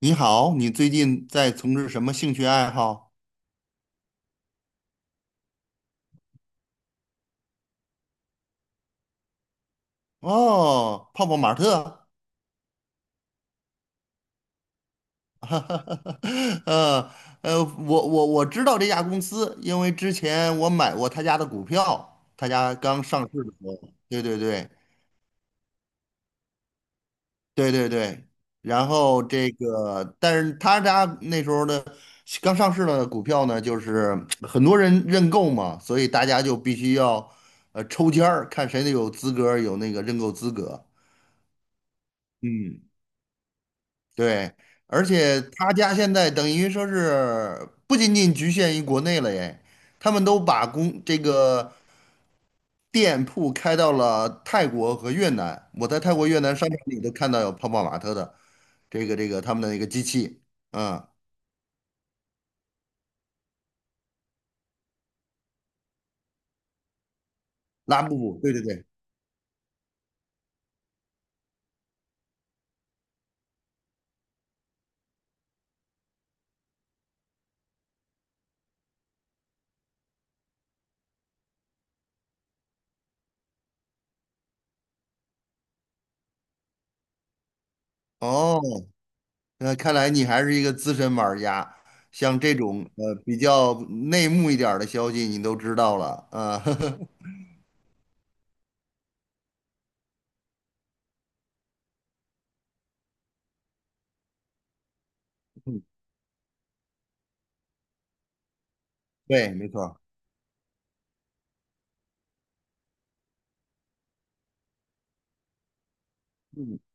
你好，你最近在从事什么兴趣爱好？哦，泡泡玛特。呃我知道这家公司，因为之前我买过他家的股票，他家刚上市的时候，对对对对对对。然后这个，但是他家那时候的刚上市的股票呢，就是很多人认购嘛，所以大家就必须要抽签儿，看谁有资格，有那个认购资格。嗯。对，而且他家现在等于说是不仅仅局限于国内了耶，他们都把公这个店铺开到了泰国和越南。我在泰国、越南商场里都看到有泡泡玛特的这个他们的一个机器。嗯，拉布布，对对对。哦，那看来你还是一个资深玩家，像这种比较内幕一点儿的消息你都知道了，啊、对，没错儿。嗯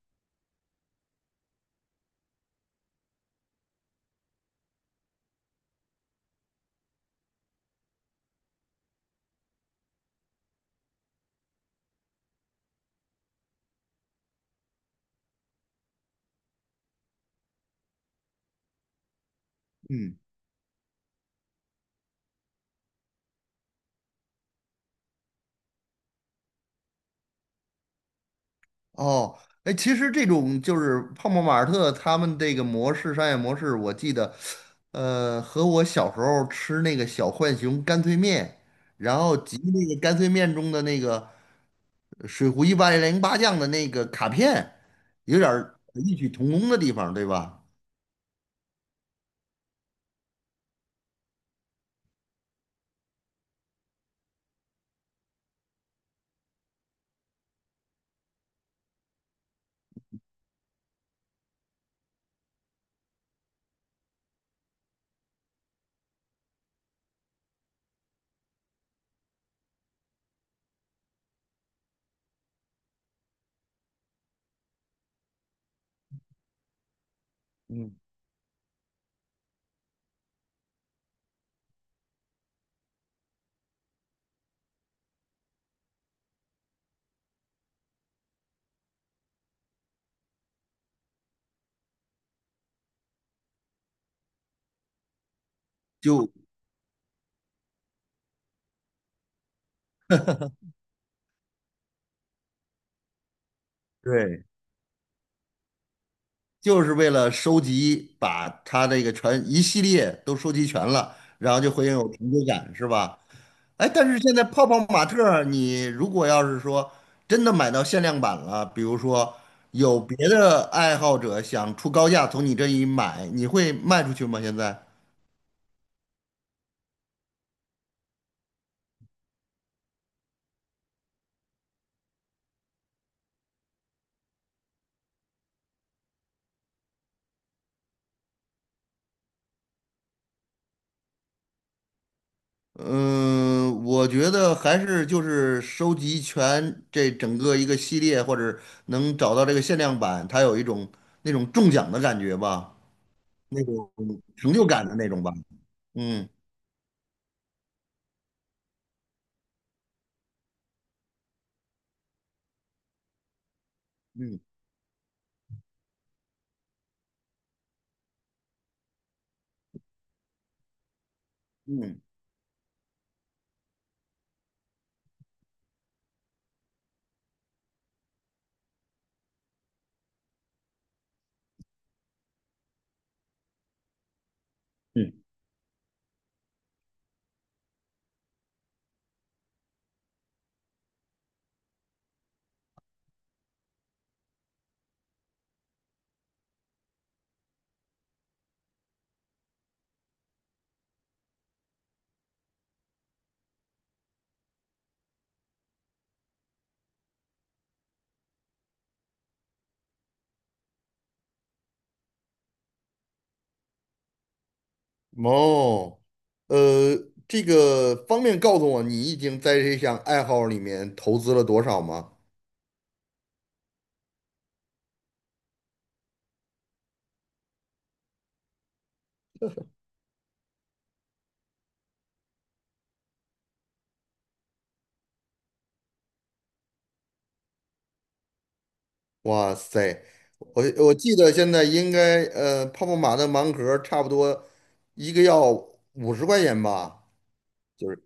嗯。哦，哎，其实这种就是泡泡玛特他们这个模式商业模式，我记得，和我小时候吃那个小浣熊干脆面，然后集那个干脆面中的那个水浒一百零八将的那个卡片，有点儿异曲同工的地方，对吧？嗯，就对，就是为了收集，把他这个全一系列都收集全了，然后就会有成就感，是吧？哎，但是现在泡泡玛特儿你如果要是说真的买到限量版了，比如说有别的爱好者想出高价从你这里买，你会卖出去吗？现在？嗯，我觉得还是就是收集全这整个一个系列，或者能找到这个限量版，它有一种那种中奖的感觉吧。那种成就感的那种吧。嗯嗯嗯嗯。哦，呃，这个方便告诉我你已经在这项爱好里面投资了多少吗？哇塞，我记得现在应该泡泡玛特盲盒差不多一个要50块钱吧。就是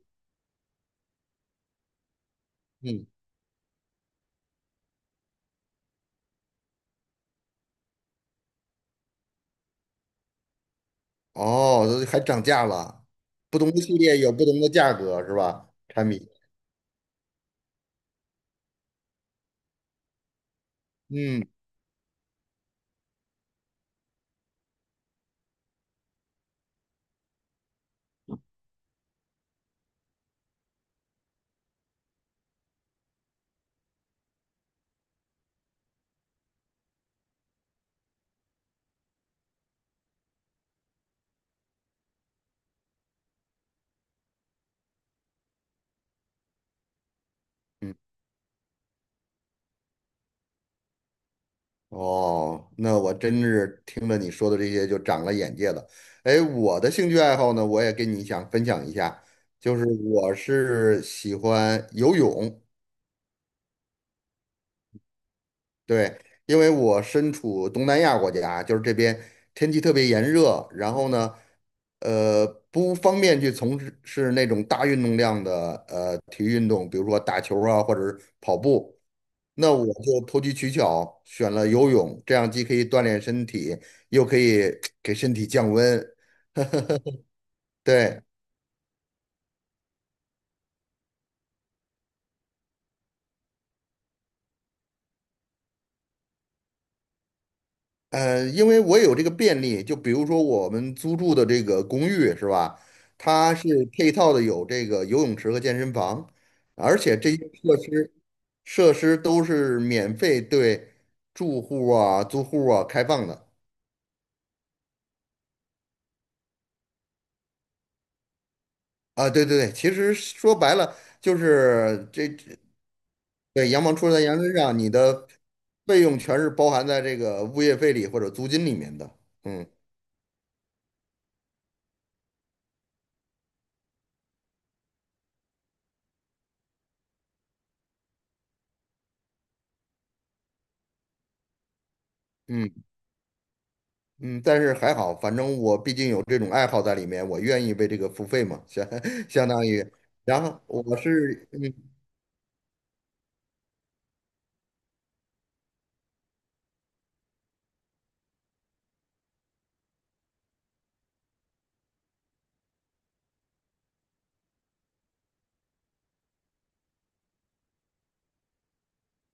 嗯。哦，还涨价了，不同的系列有不同的价格是吧？产品。嗯。嗯。哦，那我真是听了你说的这些就长了眼界了。哎，我的兴趣爱好呢，我也跟你想分享一下，就是我是喜欢游泳。对，因为我身处东南亚国家，就是这边天气特别炎热。然后呢，呃，不方便去从事是那种大运动量的体育运动，比如说打球啊，或者是跑步。那我就投机取巧，选了游泳，这样既可以锻炼身体，又可以给身体降温。对，因为我也有这个便利，就比如说我们租住的这个公寓是吧？它是配套的有这个游泳池和健身房，而且这些设施都是免费对住户啊、租户啊开放的。啊，对对对，其实说白了就是这。对，羊毛出在羊身上，你的费用全是包含在这个物业费里或者租金里面的。嗯嗯嗯。但是还好，反正我毕竟有这种爱好在里面，我愿意为这个付费嘛，相当于。然后我是嗯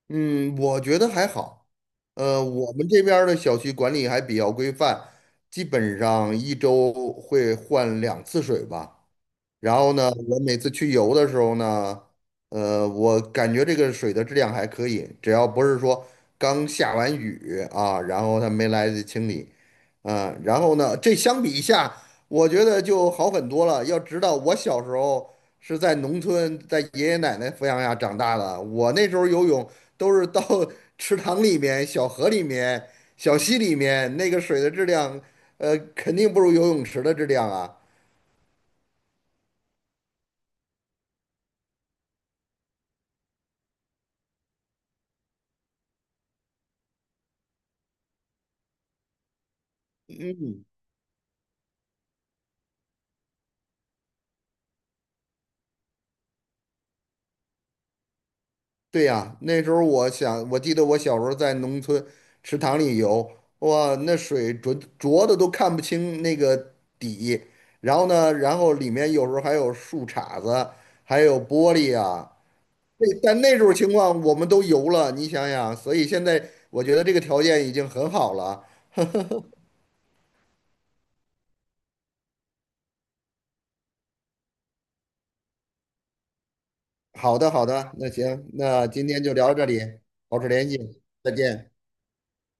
嗯。我觉得还好。我们这边儿的小区管理还比较规范，基本上一周会换两次水吧。然后呢，我每次去游的时候呢，我感觉这个水的质量还可以，只要不是说刚下完雨啊，然后它没来得及清理。嗯。然后呢，这相比一下，我觉得就好很多了。要知道，我小时候是在农村，在爷爷奶奶抚养下长大的，我那时候游泳都是到 池塘里面、小河里面、小溪里面，那个水的质量，肯定不如游泳池的质量啊。嗯。对呀，那时候我想，我记得我小时候在农村池塘里游，哇，那水浊浊的都看不清那个底。然后呢，然后里面有时候还有树杈子，还有玻璃啊。那但那时候情况我们都游了，你想想，所以现在我觉得这个条件已经很好了。好的，好的，那行，那今天就聊到这里，保持联系，再见。